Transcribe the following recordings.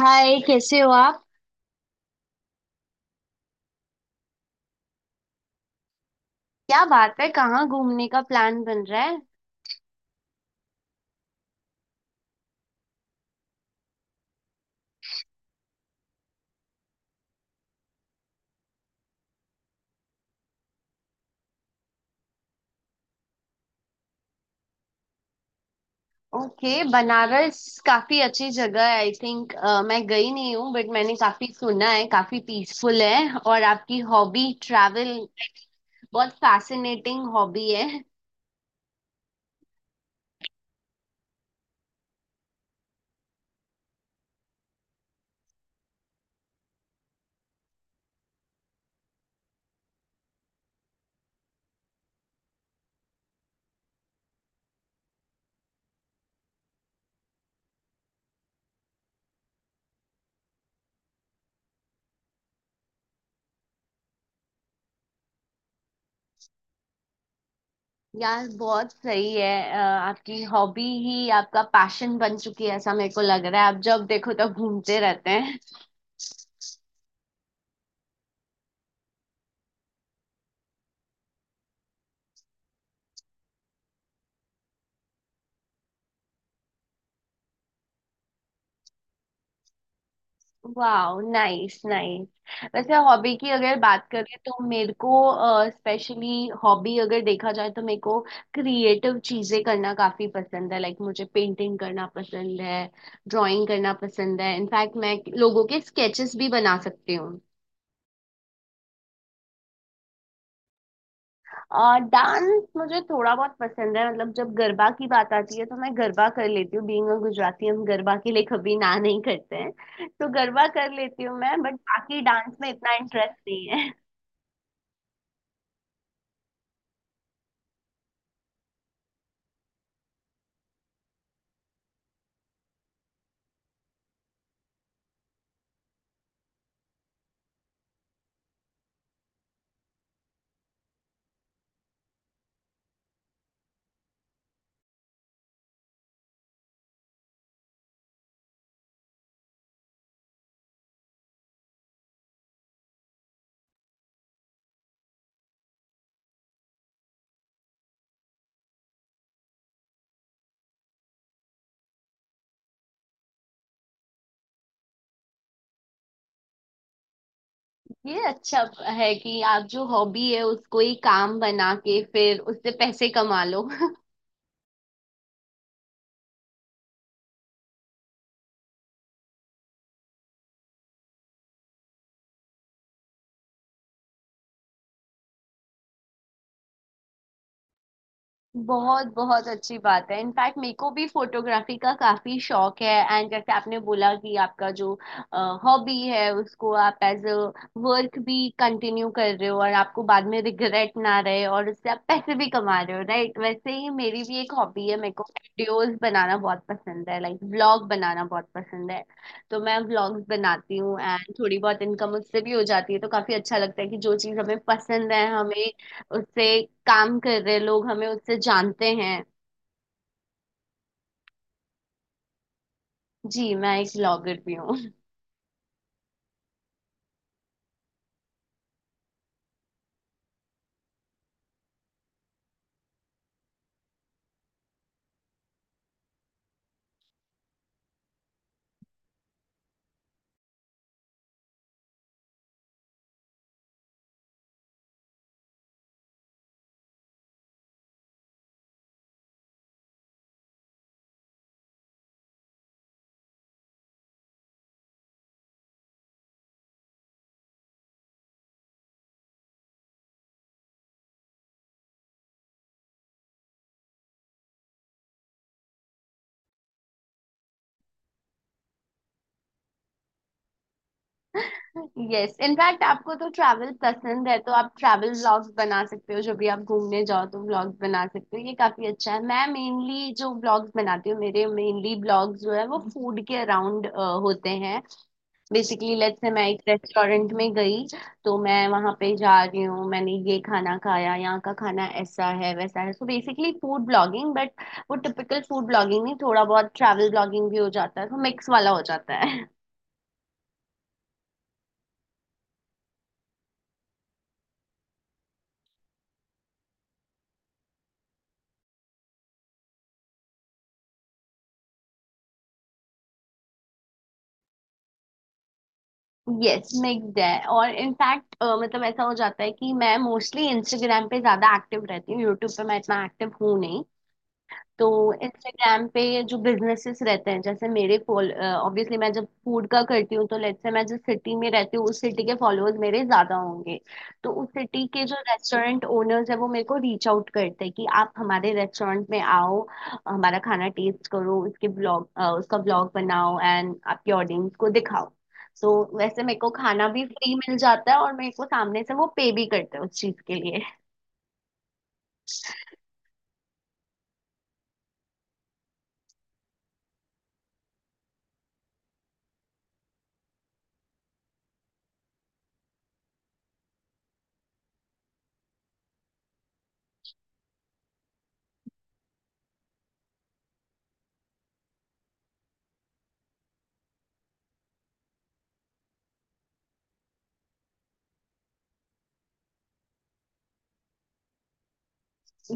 हाय, कैसे हो आप। क्या बात है, कहाँ घूमने का प्लान बन रहा है। ओके। बनारस काफी अच्छी जगह है, आई थिंक। मैं गई नहीं हूँ, बट मैंने काफी सुना है, काफी पीसफुल है। और आपकी हॉबी ट्रैवल, बहुत फैसिनेटिंग हॉबी है। यार, बहुत सही है। आपकी हॉबी ही आपका पैशन बन चुकी है, ऐसा मेरे को लग रहा है। आप जब देखो तब घूमते रहते हैं। वाह, नाइस नाइस। वैसे हॉबी की अगर बात करें तो मेरे को, स्पेशली हॉबी अगर देखा जाए तो मेरे को क्रिएटिव चीजें करना काफी पसंद है। लाइक मुझे पेंटिंग करना पसंद है, ड्राइंग करना पसंद है। इनफैक्ट मैं लोगों के स्केचेस भी बना सकती हूँ। और डांस मुझे थोड़ा बहुत पसंद है, मतलब जब गरबा की बात आती है तो मैं गरबा कर लेती हूँ। बीइंग अ गुजराती, हम गरबा के लिए कभी ना नहीं करते हैं, तो गरबा कर लेती हूँ मैं। बट बाकी डांस में इतना इंटरेस्ट नहीं है। ये अच्छा है कि आप जो हॉबी है उसको ही काम बना के फिर उससे पैसे कमा लो। बहुत बहुत अच्छी बात है। इनफैक्ट मेरे को भी फोटोग्राफी का काफी शौक है। एंड जैसे आपने बोला कि आपका जो हॉबी है उसको आप एज अ वर्क भी कंटिन्यू कर रहे हो, और आपको बाद में रिग्रेट ना रहे, और उससे आप पैसे भी कमा रहे हो, राइट। वैसे ही मेरी भी एक हॉबी है, मेरे को वीडियोस बनाना बहुत पसंद है, लाइक व्लॉग बनाना बहुत पसंद है। तो मैं व्लॉग्स बनाती हूँ एंड थोड़ी बहुत इनकम उससे भी हो जाती है, तो काफी अच्छा लगता है कि जो चीज हमें पसंद है, हमें उससे काम कर रहे, लोग हमें उससे जानते हैं। जी, मैं एक ब्लॉगर भी हूँ। यस, इनफैक्ट आपको तो ट्रैवल पसंद है, तो आप ट्रैवल व्लॉग्स बना सकते हो। जब भी आप घूमने जाओ तो व्लॉग्स बना सकते हो, ये काफी अच्छा है। मैं मेनली जो व्लॉग्स बनाती हूँ, मेरे मेनली ब्लॉग्स जो है वो फूड के अराउंड होते हैं। बेसिकली, लेट्स से मैं एक रेस्टोरेंट में गई, तो मैं वहां पे जा रही हूँ, मैंने ये खाना खाया, यहाँ का खाना ऐसा है वैसा है, so basically food blogging. But वो टिपिकल फूड ब्लॉगिंग नहीं, थोड़ा बहुत ट्रैवल ब्लॉगिंग भी हो जाता है, तो मिक्स वाला हो जाता है। यस, मिक्स्ड है। और इनफैक्ट मतलब ऐसा हो जाता है कि मैं मोस्टली इंस्टाग्राम पे ज्यादा एक्टिव रहती हूँ, यूट्यूब पे मैं इतना एक्टिव हूँ नहीं। तो इंस्टाग्राम पे ये जो बिजनेसेस रहते हैं, जैसे मेरे ऑब्वियसली मैं जब फूड का करती हूँ, तो लेट्स से मैं जिस सिटी में रहती हूँ उस सिटी के फॉलोअर्स मेरे ज्यादा होंगे, तो उस सिटी के जो रेस्टोरेंट ओनर्स है वो मेरे को रीच आउट करते हैं कि आप हमारे रेस्टोरेंट में आओ, हमारा खाना टेस्ट करो, उसके ब्लॉग उसका ब्लॉग बनाओ एंड आपके ऑडियंस को दिखाओ। तो वैसे मेरे को खाना भी फ्री मिल जाता है और मेरे को सामने से वो पे भी करते हैं उस चीज के लिए।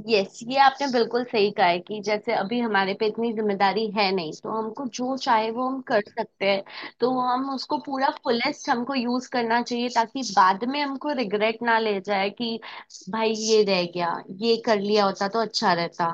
यस, ये आपने बिल्कुल सही कहा है कि जैसे अभी हमारे पे इतनी जिम्मेदारी है नहीं, तो हमको जो चाहे वो हम कर सकते हैं। तो हम उसको पूरा फुलेस्ट हमको यूज करना चाहिए, ताकि बाद में हमको रिग्रेट ना ले जाए कि भाई ये रह गया, ये कर लिया होता तो अच्छा रहता।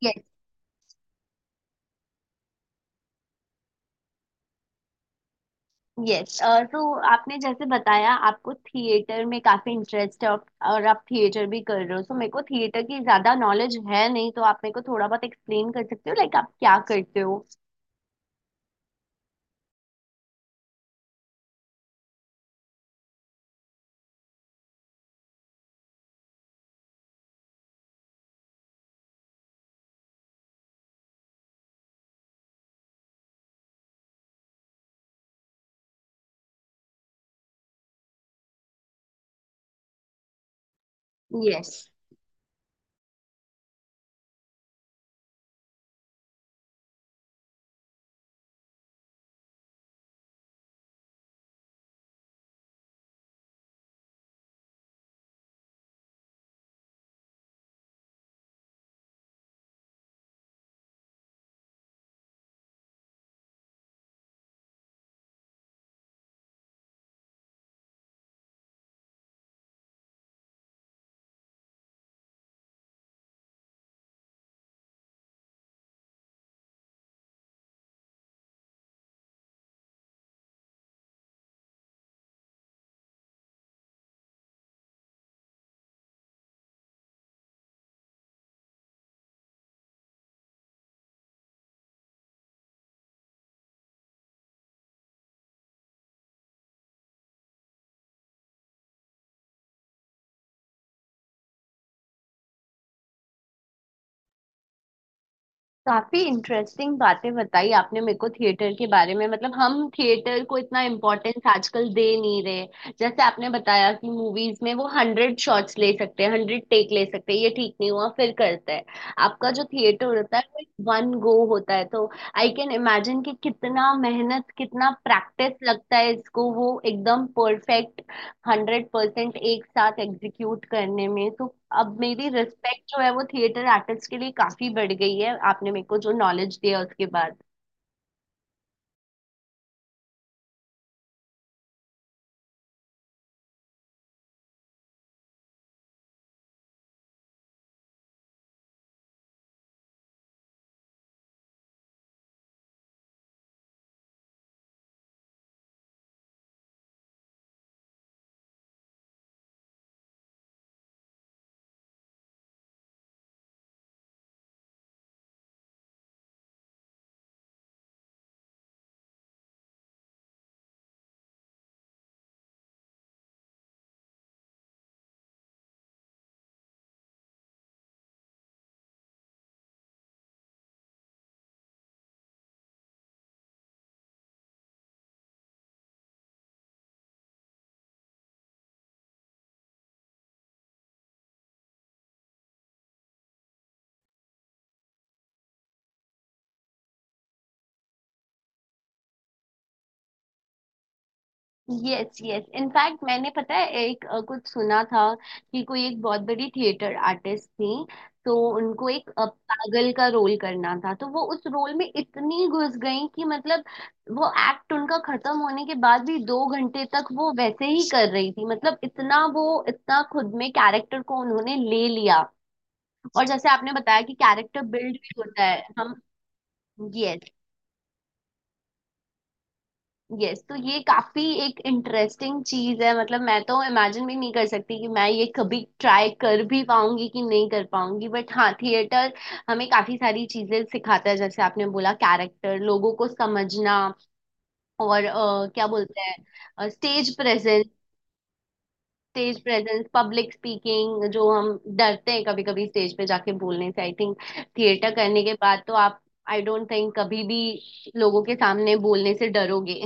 Yes yes. तो आपने जैसे बताया आपको थिएटर में काफी इंटरेस्ट है, और आप थिएटर भी कर रहे हो, तो मेरे को थिएटर की ज्यादा नॉलेज है नहीं, तो आप मेरे को थोड़ा बहुत एक्सप्लेन कर सकते हो लाइक आप क्या करते हो। यस, काफी इंटरेस्टिंग बातें बताई आपने मेरे को थिएटर के बारे में। मतलब हम थिएटर को इतना इम्पोर्टेंस आजकल दे नहीं रहे। जैसे आपने बताया कि मूवीज में वो हंड्रेड शॉट्स ले सकते हैं, हंड्रेड टेक ले सकते हैं, ये ठीक नहीं हुआ फिर करते हैं। आपका जो थिएटर होता है वो वन गो होता है, तो आई कैन इमेजिन कि कितना मेहनत कितना प्रैक्टिस लगता है इसको वो एकदम परफेक्ट 100% एक साथ एग्जीक्यूट करने में। तो अब मेरी रिस्पेक्ट जो है वो थिएटर आर्टिस्ट के लिए काफी बढ़ गई है, आपने मेरे को जो नॉलेज दिया उसके बाद। यस यस, इनफैक्ट मैंने पता है एक कुछ सुना था कि कोई एक बहुत बड़ी थिएटर आर्टिस्ट थी, तो उनको एक पागल का रोल करना था, तो वो उस रोल में इतनी घुस गई कि मतलब वो एक्ट उनका खत्म होने के बाद भी 2 घंटे तक वो वैसे ही कर रही थी। मतलब इतना वो, इतना खुद में कैरेक्टर को उन्होंने ले लिया। और जैसे आपने बताया कि कैरेक्टर बिल्ड भी होता है, हम। यस यस, तो ये काफी एक इंटरेस्टिंग चीज है। मतलब मैं तो इमेजिन भी नहीं कर सकती कि मैं ये कभी ट्राई कर भी पाऊंगी कि नहीं कर पाऊंगी, बट हाँ थिएटर हमें काफी सारी चीजें सिखाता है, जैसे आपने बोला कैरेक्टर लोगों को समझना और क्या बोलते हैं, stage presence. Stage presence, public speaking जो हम डरते हैं कभी कभी स्टेज पे जाके बोलने से, आई थिंक थिएटर करने के बाद तो आप, आई डोंट थिंक कभी भी लोगों के सामने बोलने से डरोगे।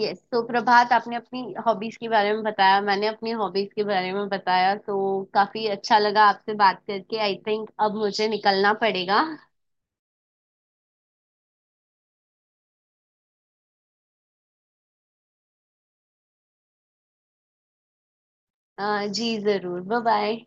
यस, तो प्रभात, आपने अपनी हॉबीज के बारे में बताया, मैंने अपनी हॉबीज के बारे में बताया, तो काफी अच्छा लगा आपसे बात करके। आई थिंक अब मुझे निकलना पड़ेगा। जी जरूर, बाय बाय।